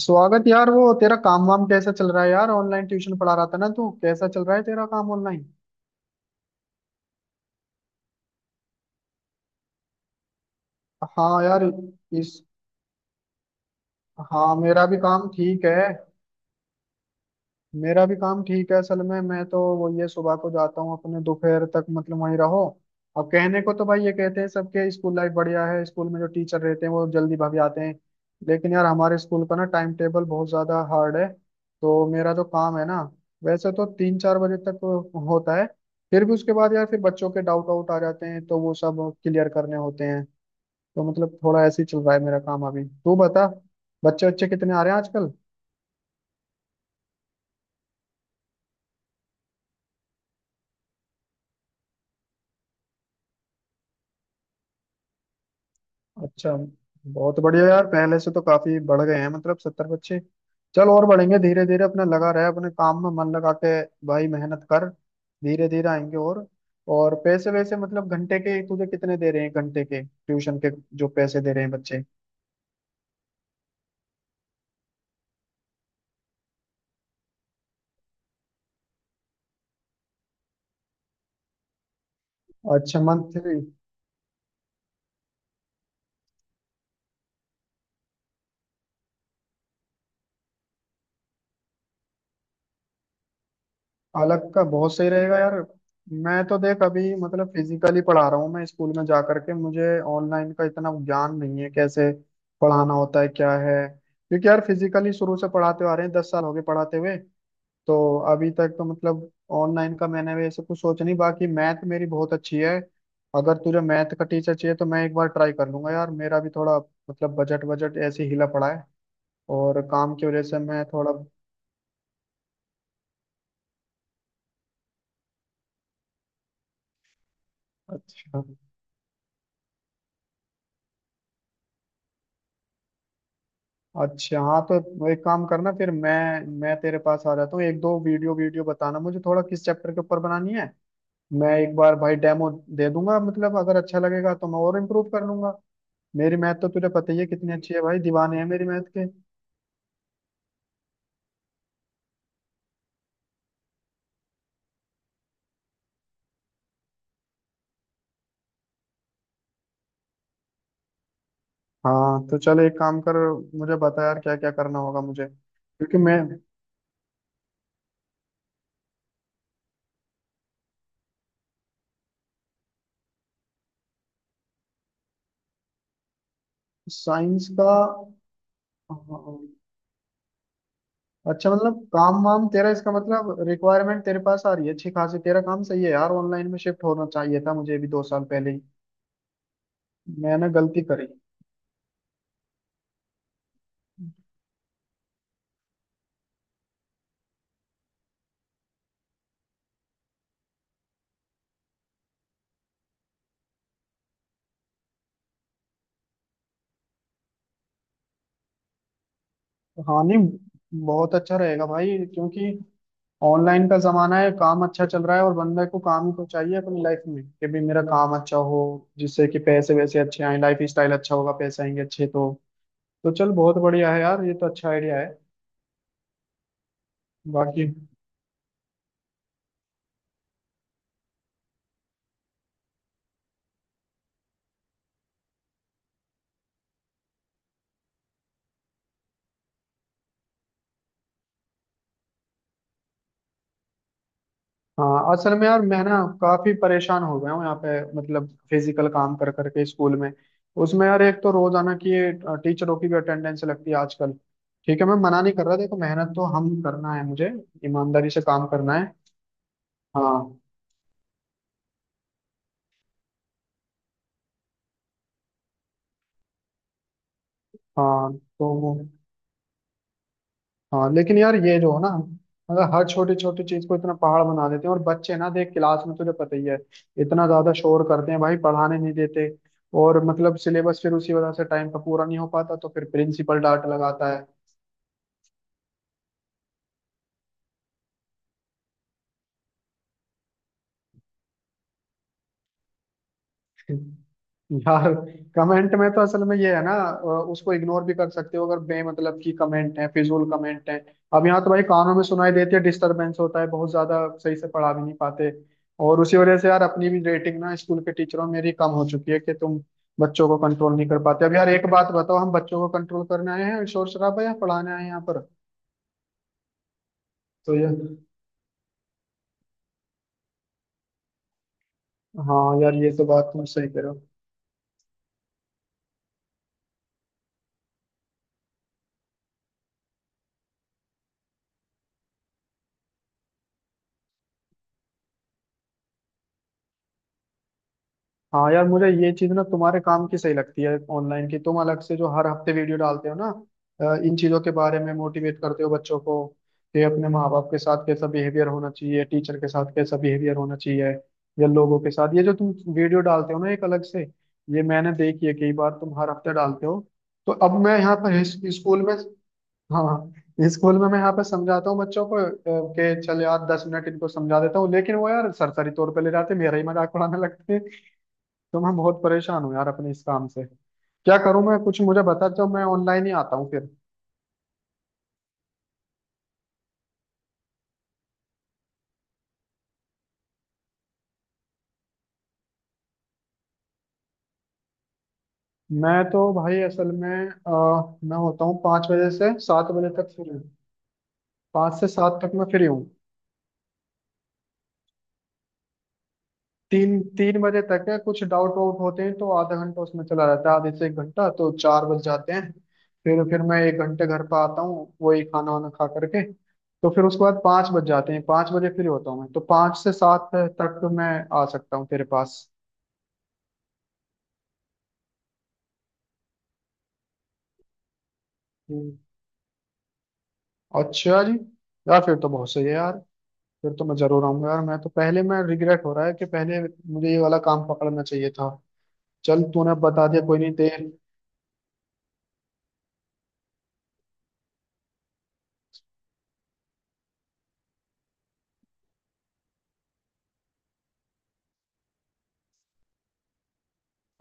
स्वागत यार। वो तेरा काम वाम कैसा चल रहा है यार? ऑनलाइन ट्यूशन पढ़ा रहा था ना तू, कैसा चल रहा है तेरा काम ऑनलाइन? हाँ यार। इस हाँ, मेरा भी काम ठीक है। मेरा भी काम ठीक है। असल में मैं तो वो ये सुबह को जाता हूँ अपने, दोपहर तक मतलब वहीं रहो। अब कहने को तो भाई ये कहते हैं सबके स्कूल लाइफ बढ़िया है, स्कूल में जो टीचर रहते हैं वो जल्दी भाग जाते हैं। लेकिन यार हमारे स्कूल का ना टाइम टेबल बहुत ज्यादा हार्ड है। तो मेरा जो काम है ना, वैसे तो 3-4 बजे तक होता है। फिर भी उसके बाद यार फिर बच्चों के डाउट आउट आ जाते हैं तो वो सब क्लियर करने होते हैं। तो मतलब थोड़ा ऐसे ही चल रहा है मेरा काम। अभी तू बता, बच्चे बच्चे कितने आ रहे हैं आजकल? अच्छा। बहुत बढ़िया यार, पहले से तो काफी बढ़ गए हैं मतलब 70 बच्चे। चल और बढ़ेंगे धीरे धीरे, अपने लगा रहे अपने काम में मन लगा के। भाई मेहनत कर, धीरे धीरे आएंगे। और पैसे वैसे मतलब घंटे के तुझे कितने दे रहे हैं घंटे के ट्यूशन के, जो पैसे दे रहे हैं बच्चे? अच्छा, मंथली। अलग का बहुत सही रहेगा यार। मैं तो देख अभी मतलब फिजिकली पढ़ा रहा हूँ मैं स्कूल में जा करके, मुझे ऑनलाइन का इतना ज्ञान नहीं है कैसे पढ़ाना होता है क्या है। क्योंकि यार फिजिकली शुरू से पढ़ाते आ रहे हैं, 10 साल हो गए पढ़ाते हुए। तो अभी तक तो मतलब ऑनलाइन का मैंने वैसे कुछ सोचा नहीं। बाकी मैथ मेरी बहुत अच्छी है। अगर तुझे मैथ का टीचर चाहिए तो मैं एक बार ट्राई कर लूंगा। यार मेरा भी थोड़ा मतलब बजट बजट ऐसे ही हिला पड़ा है, और काम की वजह से मैं थोड़ा। अच्छा अच्छा। हाँ तो वो एक काम करना, फिर मैं तेरे पास आ जाता हूँ। एक दो वीडियो वीडियो बताना मुझे थोड़ा किस चैप्टर के ऊपर बनानी है। मैं एक बार भाई डेमो दे दूंगा, मतलब अगर अच्छा लगेगा तो मैं और इम्प्रूव कर लूंगा। मेरी मैथ तो तुझे पता ही है कितनी अच्छी है, भाई दीवाने हैं मेरी मैथ के। हाँ तो चल एक काम कर, मुझे बता यार क्या क्या करना होगा मुझे, क्योंकि मैं। साइंस का? हाँ। अच्छा मतलब काम वाम तेरा, इसका मतलब रिक्वायरमेंट तेरे पास आ रही है अच्छी खासी, तेरा काम सही है यार। ऑनलाइन में शिफ्ट होना चाहिए था मुझे भी 2 साल पहले ही। मैंने गलती करी। हाँ नहीं बहुत अच्छा रहेगा भाई, क्योंकि ऑनलाइन का जमाना है, काम अच्छा चल रहा है, और बंदे को काम ही तो चाहिए अपनी लाइफ में, कि भी मेरा काम अच्छा हो, जिससे कि पैसे वैसे अच्छे आए, लाइफ स्टाइल अच्छा होगा, पैसे आएंगे अच्छे तो। तो चल बहुत बढ़िया है यार, ये तो अच्छा आइडिया है। बाकी। हाँ असल में यार मैं ना काफी परेशान हो गया हूँ यहाँ पे, मतलब फिजिकल काम कर करके स्कूल में। उसमें यार एक तो रोजाना की ये टीचरों की भी अटेंडेंस लगती है आजकल। ठीक है मैं मना नहीं कर रहा, देखो मेहनत तो हम करना है मुझे, ईमानदारी से काम करना है। हाँ। हाँ तो वो, हाँ लेकिन यार ये जो है ना, मतलब हर छोटी छोटी चीज को इतना पहाड़ बना देते हैं। और बच्चे ना देख, क्लास में तुझे पता ही है, इतना ज्यादा शोर करते हैं भाई, पढ़ाने नहीं देते। और मतलब सिलेबस फिर उसी वजह से टाइम पे पूरा नहीं हो पाता, तो फिर प्रिंसिपल डांट लगाता है। यार कमेंट में तो असल में ये है ना, उसको इग्नोर भी कर सकते हो अगर बेमतलब की कमेंट है, फिजूल कमेंट है। अब यहाँ तो भाई कानों में सुनाई देती है, डिस्टरबेंस होता है बहुत ज्यादा, सही से पढ़ा भी नहीं पाते। और उसी वजह से यार अपनी भी रेटिंग ना स्कूल के टीचरों में मेरी कम हो चुकी है, कि तुम बच्चों को कंट्रोल नहीं कर पाते। अब यार एक बात बताओ, हम बच्चों को कंट्रोल करने आए हैं शोर शराबा, या पढ़ाने आए हैं यहाँ पर? तो ये। हाँ यार ये तो बात तुम सही कह रहे हो। हाँ यार मुझे ये चीज ना तुम्हारे काम की सही लगती है ऑनलाइन की, तुम अलग से जो हर हफ्ते वीडियो डालते हो ना, इन चीजों के बारे में मोटिवेट करते हो बच्चों को, कि अपने माँ बाप के साथ कैसा बिहेवियर होना चाहिए, टीचर के साथ कैसा बिहेवियर होना चाहिए या लोगों के साथ। ये जो तुम वीडियो डालते हो ना एक अलग से, ये मैंने देखी है कई बार तुम हर हफ्ते डालते हो। तो अब मैं यहाँ पर स्कूल में। हाँ स्कूल में मैं यहाँ पर समझाता हूँ बच्चों को, कि चल यार 10 मिनट इनको समझा देता हूँ, लेकिन वो यार सरसरी तौर पे ले जाते, मेरा ही मजाक उड़ाने लगते हैं। तो मैं बहुत परेशान हूँ यार अपने इस काम से, क्या करूँ मैं? कुछ मुझे बता दो, मैं ऑनलाइन ही आता हूँ फिर। मैं तो भाई असल में मैं होता हूँ 5 बजे से 7 बजे तक फ्री हूँ। 5 से 7 तक मैं फ्री हूँ। तीन तीन बजे तक है, कुछ डाउट वाउट होते हैं तो आधा घंटा उसमें चला जाता है, आधे से एक घंटा तो 4 बज जाते हैं। फिर मैं एक घंटे घर पर आता हूँ, वही खाना वाना खा करके। तो फिर उसके बाद 5 बज जाते हैं, 5 बजे फ्री होता हूँ मैं, तो 5 से 7 तक मैं आ सकता हूँ तेरे पास। अच्छा जी। यार फिर तो बहुत सही है यार, फिर तो मैं जरूर आऊंगा यार। मैं तो पहले, मैं रिग्रेट हो रहा है कि पहले मुझे ये वाला काम पकड़ना चाहिए था। चल तूने बता दिया कोई नहीं देर।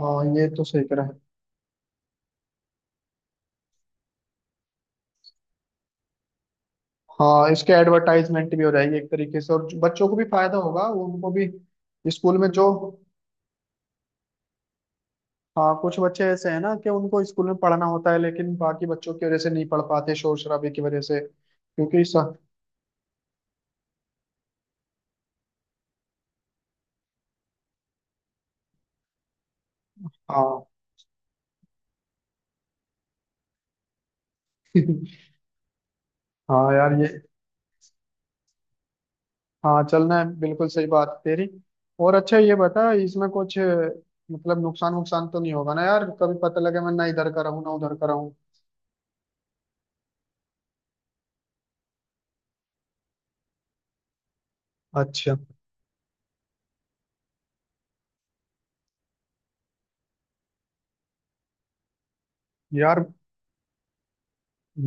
हाँ ये तो सही करा है। हाँ इसके एडवर्टाइजमेंट भी हो जाएगी एक तरीके से, और बच्चों को भी फायदा होगा, वो उनको भी स्कूल में जो। हाँ कुछ बच्चे ऐसे हैं ना कि उनको स्कूल में पढ़ना होता है लेकिन बाकी बच्चों की वजह से नहीं पढ़ पाते शोर शराबे की वजह से, क्योंकि हाँ। हाँ यार ये। हाँ चलना है, बिल्कुल सही बात है तेरी। और अच्छा ये बता, इसमें कुछ मतलब नुकसान वुकसान तो नहीं होगा ना यार? कभी पता लगे मैं ना इधर का रहूँ ना उधर का रहूँ। अच्छा। यार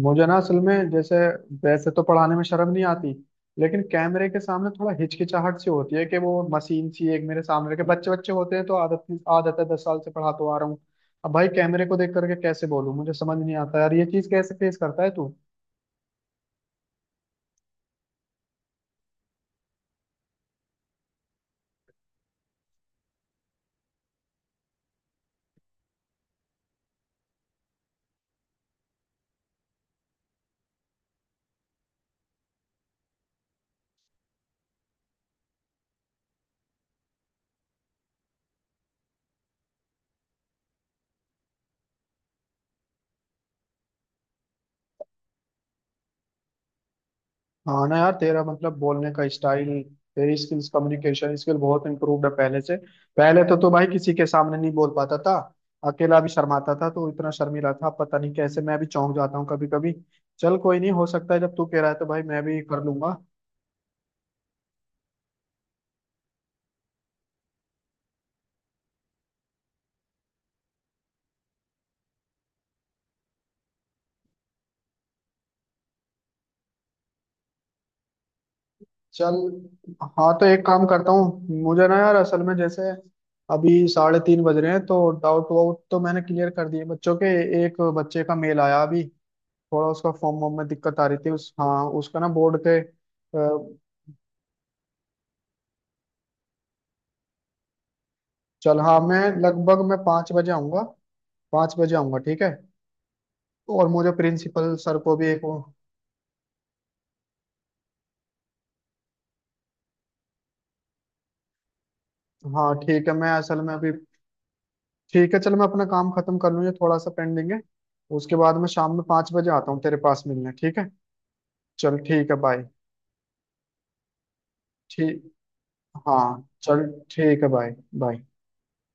मुझे ना असल में जैसे, वैसे तो पढ़ाने में शर्म नहीं आती, लेकिन कैमरे के सामने थोड़ा हिचकिचाहट सी होती है कि वो मशीन सी एक, मेरे सामने के बच्चे बच्चे होते हैं, तो आदत आदत है, 10 साल से पढ़ा तो आ रहा हूँ। अब भाई कैमरे को देख करके कैसे बोलूँ, मुझे समझ नहीं आता यार ये चीज कैसे फेस करता है तू? हाँ ना यार, तेरा मतलब बोलने का स्टाइल, तेरी स्किल्स कम्युनिकेशन स्किल बहुत इम्प्रूव्ड है पहले से। पहले तो भाई किसी के सामने नहीं बोल पाता था, अकेला भी शर्माता था, तो इतना शर्मीला था पता नहीं कैसे, मैं भी चौंक जाता हूँ कभी कभी। चल कोई नहीं, हो सकता है जब तू कह रहा है तो भाई मैं भी कर लूंगा। चल। हाँ तो एक काम करता हूँ, मुझे ना यार असल में जैसे अभी 3:30 बज रहे हैं, तो डाउट वाउट तो मैंने क्लियर कर दिए बच्चों के। एक बच्चे का मेल आया अभी, थोड़ा उसका फॉर्म वॉर्म में दिक्कत आ रही थी उस हाँ उसका ना बोर्ड के चल। हाँ मैं लगभग मैं 5 बजे आऊँगा। 5 बजे आऊँगा ठीक है। और मुझे प्रिंसिपल सर को भी एक वो। हाँ ठीक है, मैं असल में अभी। ठीक है चल, मैं अपना काम खत्म कर लूँ ये थोड़ा सा पेंडिंग है। उसके बाद मैं शाम में 5 बजे आता हूँ तेरे पास मिलने, ठीक है? चल ठीक है, बाय। ठीक। हाँ चल ठीक है, बाय बाय।